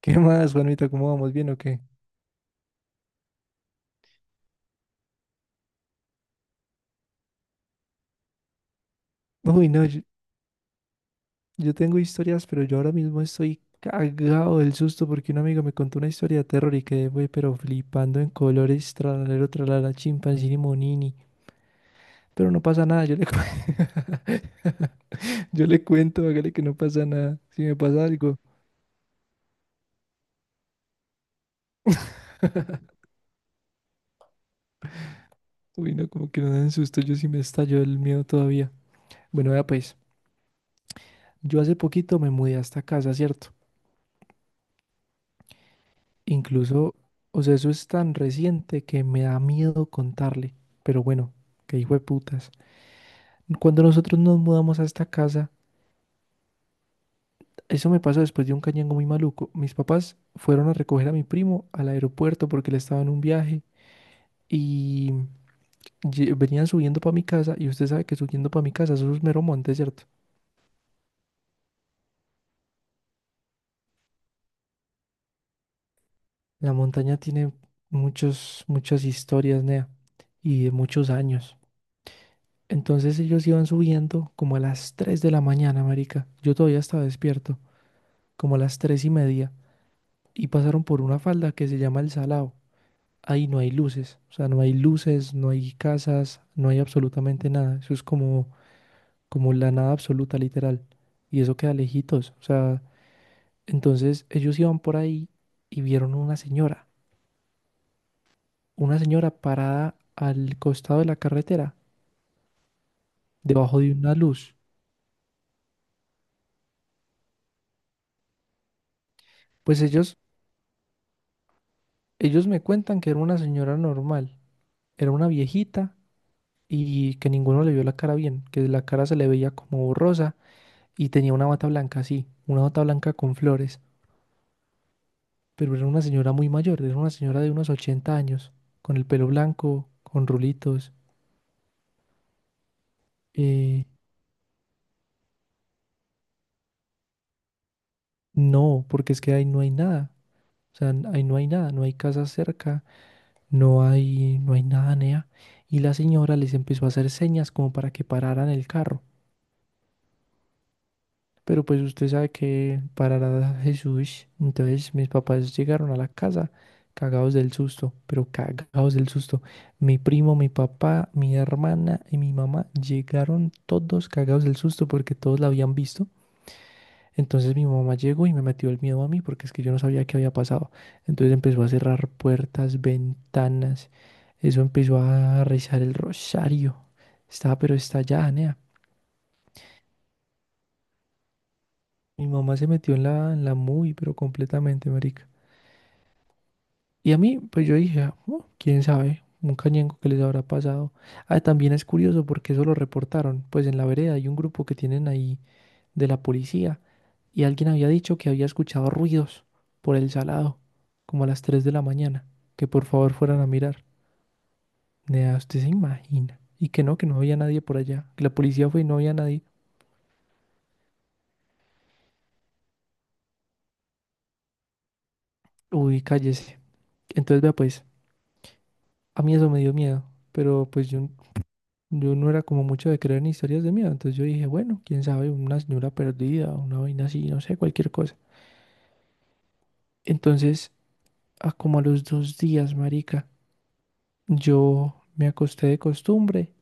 ¿Qué más, Juanita? ¿Cómo vamos? ¿Bien o qué? Uy, no, yo tengo historias, pero yo ahora mismo estoy cagado del susto porque un amigo me contó una historia de terror y quedé, güey, pero flipando en colores, tralalero, tralala, chimpancini, monini. Pero no pasa nada, yo le cuento, hágale que no pasa nada. Si me pasa algo. Uy, no, como que no dan susto, yo sí me estallo el miedo todavía. Bueno, vea pues, yo hace poquito me mudé a esta casa, ¿cierto? Incluso, o sea, eso es tan reciente que me da miedo contarle. Pero bueno, que hijo de putas. Cuando nosotros nos mudamos a esta casa, eso me pasó después de un cañango muy maluco. Mis papás fueron a recoger a mi primo al aeropuerto porque él estaba en un viaje y venían subiendo para mi casa. Y usted sabe que subiendo para mi casa, eso es mero monte, ¿cierto? La montaña tiene muchas historias, Nea, y de muchos años. Entonces ellos iban subiendo como a las 3 de la mañana, marica. Yo todavía estaba despierto, como a las 3:30. Y pasaron por una falda que se llama El Salao. Ahí no hay luces, o sea, no hay luces, no hay casas, no hay absolutamente nada. Eso es como, como la nada absoluta, literal. Y eso queda lejitos, o sea, entonces ellos iban por ahí y vieron una señora parada al costado de la carretera, debajo de una luz. Pues ellos me cuentan que era una señora normal. Era una viejita y que ninguno le vio la cara bien, que la cara se le veía como borrosa y tenía una bata blanca así, una bata blanca con flores, pero era una señora muy mayor, era una señora de unos 80 años, con el pelo blanco, con rulitos. Eh, no, porque es que ahí no hay nada, o sea, ahí no hay nada, no hay casa cerca, no hay, no hay nada, nea. Y la señora les empezó a hacer señas como para que pararan el carro. Pero pues usted sabe que parará Jesús. Entonces mis papás llegaron a la casa cagados del susto, pero cagados del susto. Mi primo, mi papá, mi hermana y mi mamá llegaron todos cagados del susto porque todos la habían visto. Entonces mi mamá llegó y me metió el miedo a mí porque es que yo no sabía qué había pasado. Entonces empezó a cerrar puertas, ventanas. Eso empezó a rezar el rosario. Estaba pero estallada, nea. Mi mamá se metió en la muy, pero completamente, marica. Y a mí, pues yo dije, "Ah, oh, quién sabe, un cañenco que les habrá pasado". Ah, también es curioso porque eso lo reportaron. Pues en la vereda hay un grupo que tienen ahí de la policía y alguien había dicho que había escuchado ruidos por el salado, como a las 3 de la mañana, que por favor fueran a mirar. Nea, usted se imagina. Y que no había nadie por allá, que la policía fue y no había nadie. Uy, cállese. Entonces, vea, pues, a mí eso me dio miedo, pero pues yo no era como mucho de creer en historias de miedo, entonces yo dije, bueno, quién sabe, una señora perdida, una vaina así, no sé, cualquier cosa. Entonces, a como a los 2 días, marica, yo me acosté de costumbre.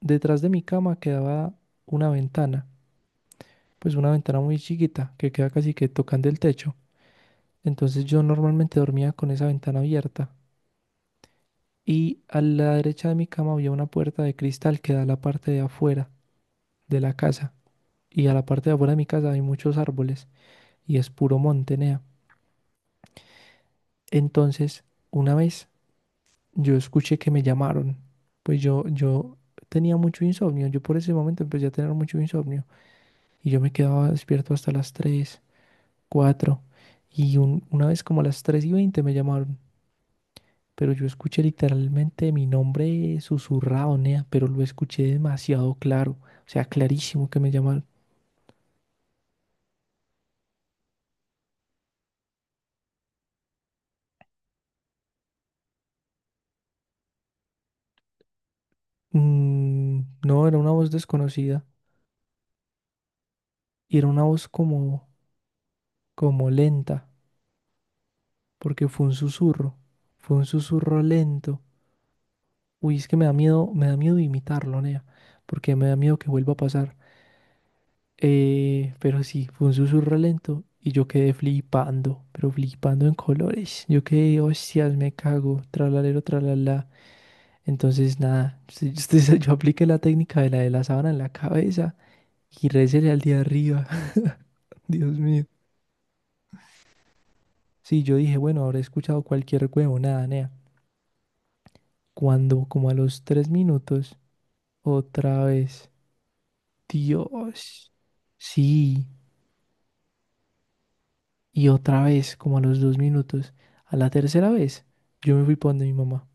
Detrás de mi cama quedaba una ventana, pues una ventana muy chiquita que queda casi que tocando el techo. Entonces yo normalmente dormía con esa ventana abierta y a la derecha de mi cama había una puerta de cristal que da a la parte de afuera de la casa y a la parte de afuera de mi casa hay muchos árboles. Y es puro monte, nea. Entonces, una vez yo escuché que me llamaron, pues yo tenía mucho insomnio, yo por ese momento empecé a tener mucho insomnio y yo me quedaba despierto hasta las 3 4 y una vez como a las 3:20 me llamaron, pero yo escuché literalmente mi nombre susurrado, nea, pero lo escuché demasiado claro, o sea, clarísimo que me llamaron. Mm, no, era una voz desconocida y era una voz como, como lenta. Porque fue un susurro lento. Uy, es que me da miedo imitarlo, Nea, porque me da miedo que vuelva a pasar. Pero sí, fue un susurro lento y yo quedé flipando, pero flipando en colores. Yo quedé, hostias, me cago, tralalero, tralala. Entonces, nada, sí, sí, yo apliqué la técnica de la sábana en la cabeza y récele al de arriba, Dios mío. Sí, yo dije, bueno, habré escuchado cualquier huevonada, nea. Cuando, como a los 3 minutos. Otra vez. Dios. Sí. Y otra vez, como a los 2 minutos. A la tercera vez, yo me fui para donde mi mamá.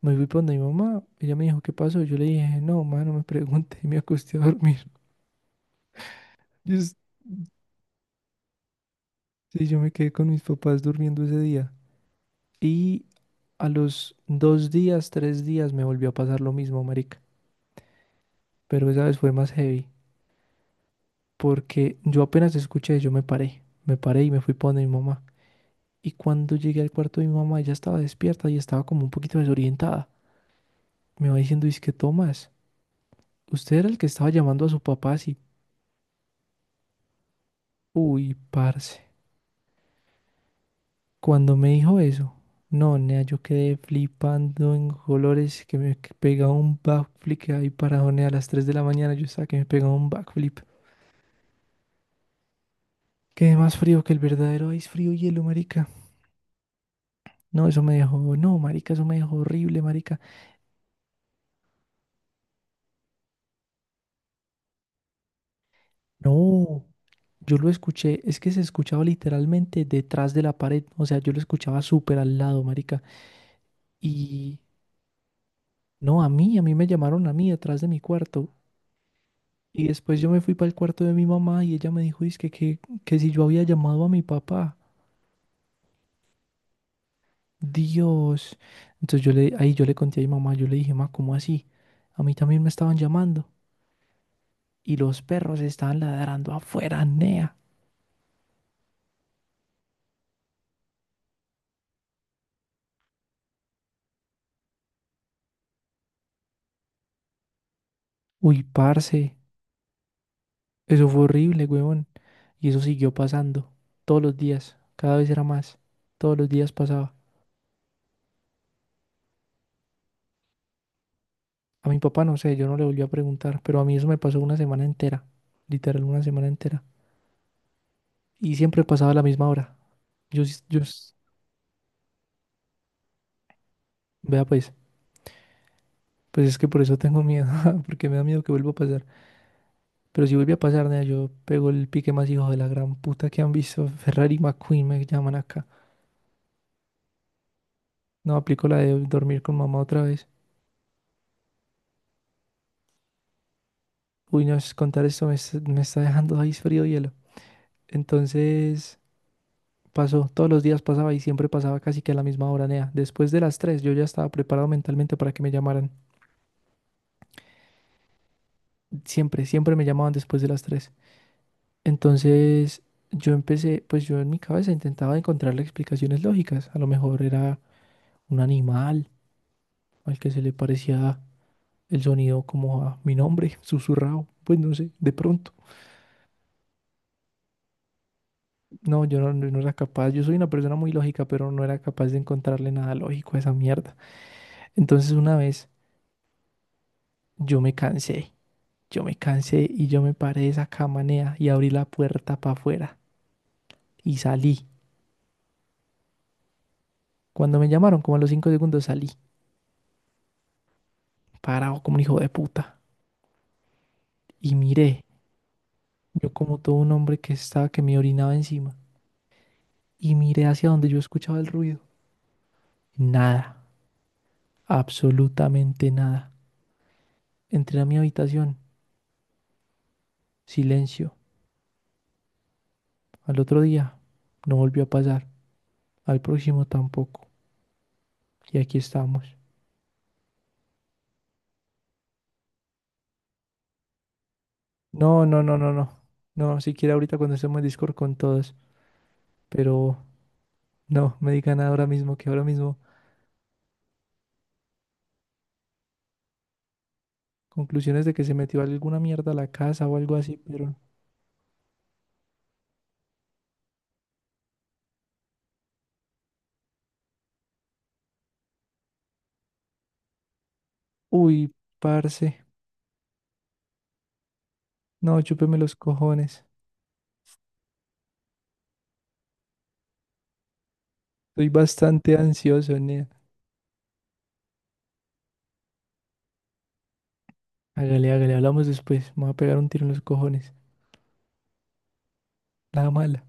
Me fui para donde mi mamá. Ella me dijo, ¿qué pasó? Yo le dije, no, mamá, no me pregunte. Y me acosté a dormir. Yo, s- sí, yo me quedé con mis papás durmiendo ese día. Y a los 2 días, 3 días, me volvió a pasar lo mismo, marica. Pero esa vez fue más heavy. Porque yo apenas escuché, yo me paré. Me paré y me fui para donde mi mamá. Y cuando llegué al cuarto de mi mamá, ella estaba despierta y estaba como un poquito desorientada. Me va diciendo, que Tomás, usted era el que estaba llamando a su papá así. Uy, parce. Cuando me dijo eso, no, nea, yo quedé flipando en colores que me que pegaba un backflip ahí parado, nea a las 3 de la mañana. Yo estaba que me pegaba un backflip. Quedé más frío que el verdadero ice frío hielo, marica. No, eso me dejó, no, marica, eso me dejó horrible, marica. No. Yo lo escuché, es que se escuchaba literalmente detrás de la pared, o sea, yo lo escuchaba súper al lado, marica. Y no, a mí me llamaron a mí detrás de mi cuarto. Y después yo me fui para el cuarto de mi mamá y ella me dijo, dizque que, si yo había llamado a mi papá, Dios. Entonces ahí yo le conté a mi mamá, yo le dije, ma, ¿cómo así? A mí también me estaban llamando. Y los perros estaban ladrando afuera, nea. Uy, parce, eso fue horrible, güey. Y eso siguió pasando todos los días, cada vez era más, todos los días pasaba. A mi papá no sé, yo no le volví a preguntar, pero a mí eso me pasó una semana entera, literal una semana entera. Y siempre pasaba a la misma hora. Yo, sí- yo, s- vea pues, pues es que por eso tengo miedo, porque me da miedo que vuelva a pasar. Pero si vuelve a pasar, nea, yo pego el pique más hijo de la gran puta que han visto. Ferrari McQueen me llaman acá. No, aplico la de dormir con mamá otra vez. Uy, no, contar esto me, me está dejando ahí frío hielo. Entonces... Pasó, todos los días pasaba y siempre pasaba casi que a la misma hora, Nea. Después de las 3 yo ya estaba preparado mentalmente para que me llamaran. Siempre, siempre me llamaban después de las 3. Entonces yo empecé, pues yo en mi cabeza intentaba encontrarle explicaciones lógicas. A lo mejor era un animal al que se le parecía el sonido como a mi nombre, susurrado. Pues no sé, de pronto. No, yo no, no era capaz. Yo soy una persona muy lógica, pero no era capaz de encontrarle nada lógico a esa mierda. Entonces una vez yo me cansé. Yo me cansé y yo me paré de esa cama, y abrí la puerta para afuera y salí. Cuando me llamaron, como a los 5 segundos salí, parado como un hijo de puta. Y miré, yo como todo un hombre que estaba, que me orinaba encima. Y miré hacia donde yo escuchaba el ruido. Nada, absolutamente nada. Entré a mi habitación, silencio. Al otro día no volvió a pasar, al próximo tampoco. Y aquí estamos. No, no, no, no, no. No, siquiera ahorita cuando estemos en Discord con todos, pero no, me digan ahora mismo que ahora mismo, conclusiones de que se metió alguna mierda a la casa o algo así, pero... Uy, parce. No, chúpeme los cojones. Estoy bastante ansioso, nea. Hágale, hágale, hablamos después. Me voy a pegar un tiro en los cojones. La mala.